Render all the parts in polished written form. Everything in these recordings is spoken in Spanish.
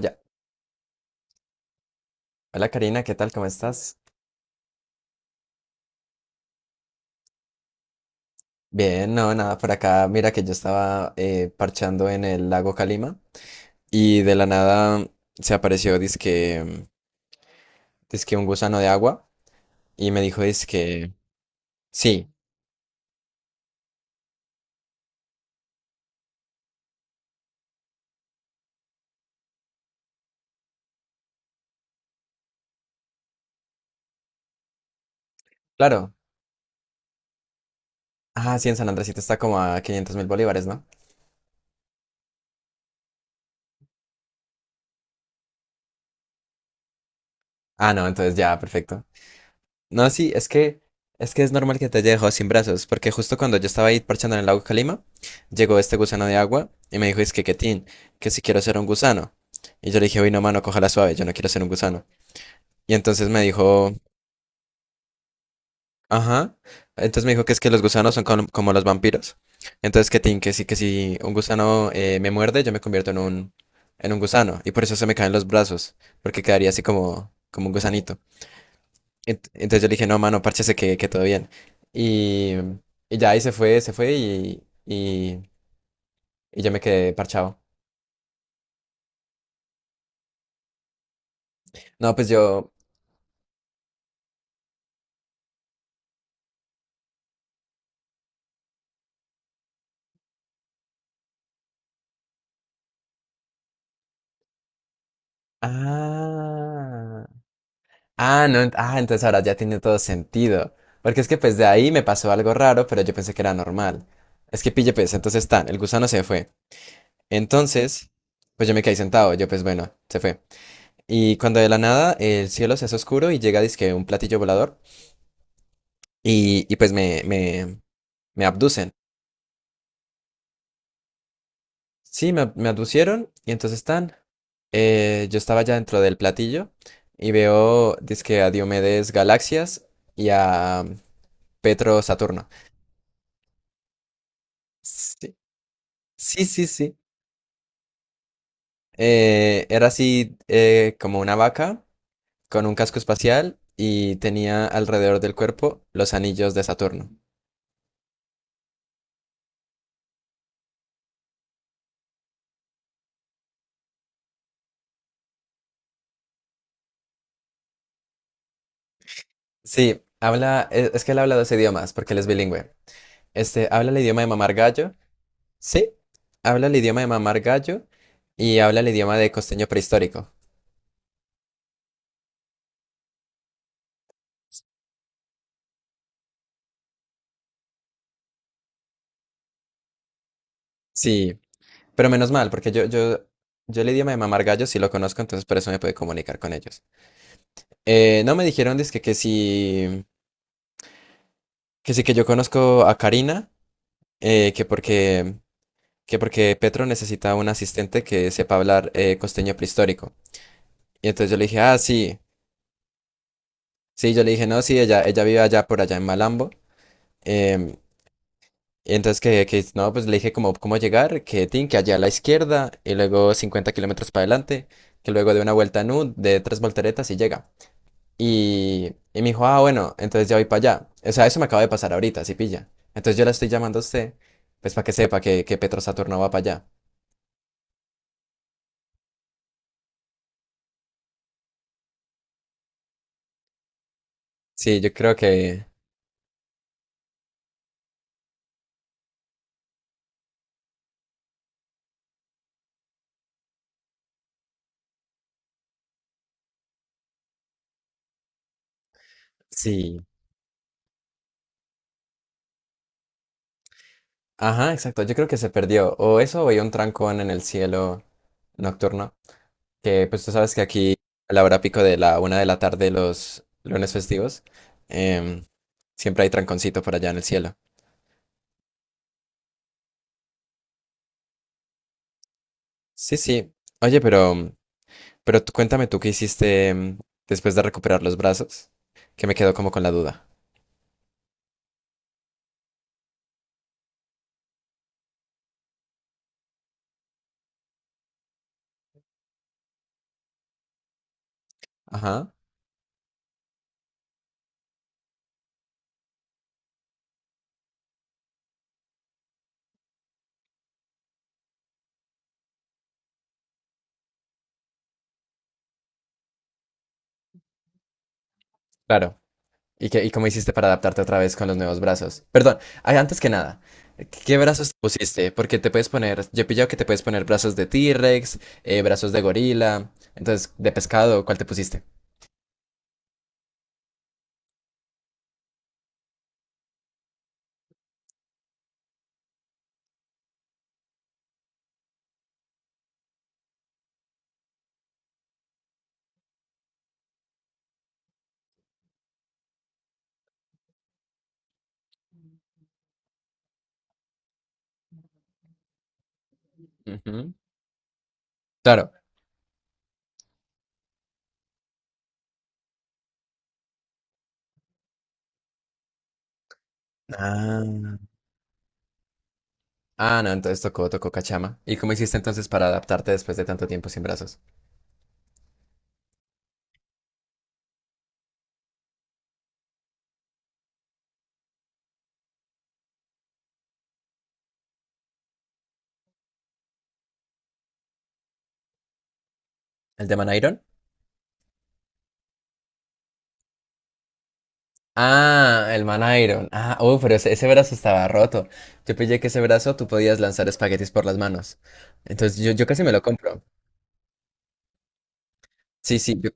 Ya. Hola Karina, ¿qué tal? ¿Cómo estás? Bien, no, nada, por acá. Mira que yo estaba parchando en el lago Calima y de la nada se apareció dizque un gusano de agua y me dijo dizque, sí, claro. Ah, sí, en San Andresito está como a 500.000 bolívares, ¿no? Ah, no, entonces ya, perfecto. No, sí, es que es normal que te haya dejado sin brazos, porque justo cuando yo estaba ahí parchando en el lago Calima, llegó este gusano de agua y me dijo, es que Ketín, que si quiero ser un gusano. Y yo le dije, uy, no, mano, cójala suave, yo no quiero ser un gusano. Y entonces me dijo, ajá. Entonces me dijo que es que los gusanos son como los vampiros. Entonces Ketín, que sí, que si un gusano me muerde, yo me convierto en un gusano. Y por eso se me caen los brazos, porque quedaría así como, un gusanito. Entonces yo le dije, no, mano, párchese que, todo bien. Y, ya ahí se fue y yo me quedé parchado. No, pues yo. Ah. Ah, no. Ah, entonces ahora ya tiene todo sentido. Porque es que pues de ahí me pasó algo raro, pero yo pensé que era normal. Es que pille, pues, entonces tan, el gusano se fue. Entonces, pues yo me quedé sentado. Yo, pues bueno, se fue. Y cuando de la nada el cielo se hace oscuro y llega, dizque un platillo volador. Y, y pues me, me, me abducen. Sí, me abducieron y entonces están. Yo estaba ya dentro del platillo y veo, dizque a Diomedes Galaxias y a Petro Saturno. Sí, sí, sí, sí. Era así como una vaca con un casco espacial y tenía alrededor del cuerpo los anillos de Saturno. Sí, habla, es que él habla dos idiomas porque él es bilingüe. Este, habla el idioma de mamar gallo. Sí, habla el idioma de mamar gallo y habla el idioma de costeño prehistórico. Sí, pero menos mal, porque yo, el idioma de mamar gallo sí lo conozco, entonces por eso me pude comunicar con ellos. No me dijeron dizque que sí, que yo conozco a Karina, que porque, Petro necesita un asistente que sepa hablar costeño prehistórico. Y entonces yo le dije, ah, sí, sí, yo le dije, no, sí, ella, vive allá por allá en Malambo. em, Y entonces que, no, pues le dije como cómo llegar, que tin, que allá a la izquierda y luego 50 kilómetros para adelante, que luego de una vuelta en U, de tres volteretas y llega. Me dijo, ah, bueno, entonces ya voy para allá. O sea, eso me acaba de pasar ahorita, si pilla. Entonces yo la estoy llamando a usted, pues para que sepa que, Petro Saturno va para allá. Sí, yo creo que... Sí. Ajá, exacto, yo creo que se perdió. O eso o hay un trancón en el cielo nocturno. Que pues tú sabes que aquí a la hora pico de la 1 de la tarde los lunes festivos, em, siempre hay tranconcito por allá en el cielo. Sí, sí. Oye, pero tú cuéntame tú qué hiciste después de recuperar los brazos, que me quedo como con la duda. Ajá, claro. ¿Y qué, y cómo hiciste para adaptarte otra vez con los nuevos brazos? Perdón, ay, antes que nada, ¿qué brazos te pusiste? Porque te puedes poner, yo he pillado que te puedes poner brazos de T-Rex, brazos de gorila, entonces de pescado, ¿cuál te pusiste? Ujú. Claro. Ah, ah, no, entonces tocó cachama. ¿Y cómo hiciste entonces para adaptarte después de tanto tiempo sin brazos? ¿El de Man Iron? Ah, el Man Iron. Ah, oh, pero ese, brazo estaba roto. Yo pillé que ese brazo tú podías lanzar espaguetis por las manos. Entonces yo, casi me lo compro. Sí, sí,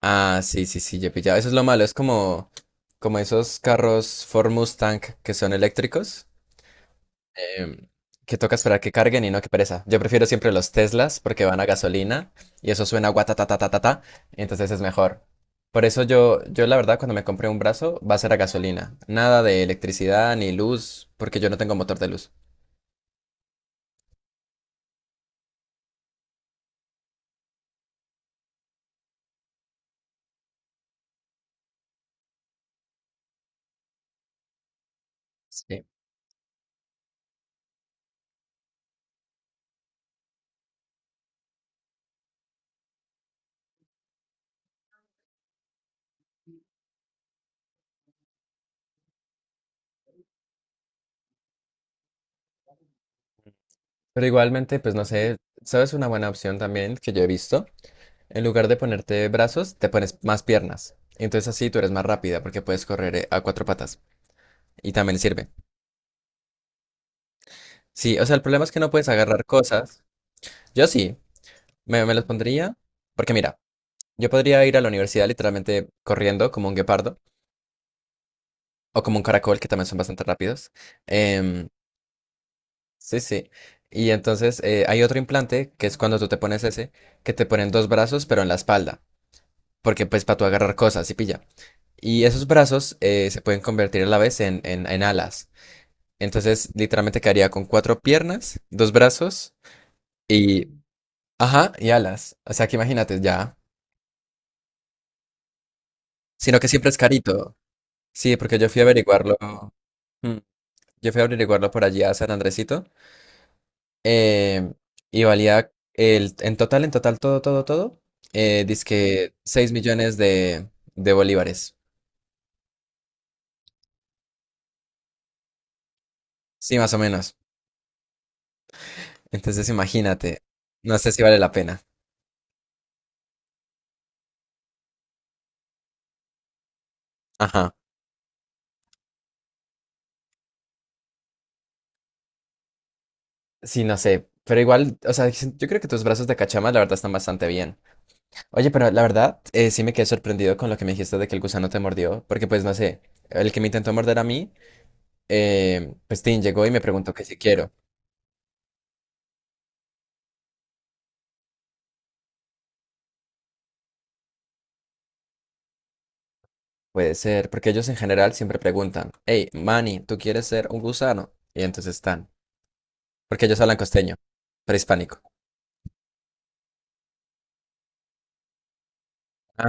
Ah, sí, sí, sí, yo pillaba. Eso es lo malo, es como, esos carros Ford Mustang que son eléctricos. em, que toca esperar que carguen y no que pereza. Yo prefiero siempre los Teslas porque van a gasolina y eso suena guatatatatata, entonces es mejor. Por eso yo, la verdad cuando me compré un brazo va a ser a gasolina. Nada de electricidad ni luz porque yo no tengo motor de luz. Sí. Pero igualmente, pues no sé, ¿sabes una buena opción también que yo he visto? En lugar de ponerte brazos, te pones más piernas. Entonces así tú eres más rápida porque puedes correr a cuatro patas. Y también sirve. Sí, o sea, el problema es que no puedes agarrar cosas. Yo sí, me los pondría porque mira, yo podría ir a la universidad literalmente corriendo como un guepardo o como un caracol, que también son bastante rápidos. Em, sí, sí. Y entonces hay otro implante, que es cuando tú te pones ese, que te ponen dos brazos, pero en la espalda, porque pues para tú agarrar cosas y pilla. Y esos brazos se pueden convertir a la vez en alas. Entonces, literalmente quedaría con cuatro piernas, dos brazos y... Ajá, y alas. O sea que imagínate ya. Sino que siempre es carito. Sí, porque yo fui a averiguarlo. mm, Yo fui a averiguarlo por allí a San Andresito. eh, y valía el, en total, todo, todo, todo. Dizque 6 millones de bolívares. Sí, más o menos. Entonces imagínate. No sé si vale la pena. Ajá. Sí, no sé. Pero igual, o sea, yo creo que tus brazos de cachama, la verdad, están bastante bien. Oye, pero la verdad, sí me quedé sorprendido con lo que me dijiste de que el gusano te mordió. Porque, pues, no sé, el que me intentó morder a mí. Pues Tim llegó y me preguntó que si quiero. Puede ser, porque ellos en general siempre preguntan, hey, Manny, ¿tú quieres ser un gusano? Y entonces están, porque ellos hablan costeño, prehispánico. Ah,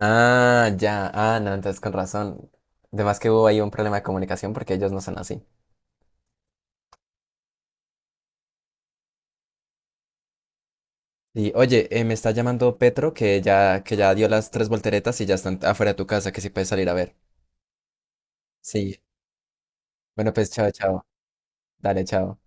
ah, ya, ah, no, entonces con razón. Además que hubo ahí un problema de comunicación porque ellos no son así. Y oye, me está llamando Petro que ya, dio las tres volteretas y ya están afuera de tu casa, que si puedes salir a ver. Sí. Bueno, pues chao, chao. Dale, chao.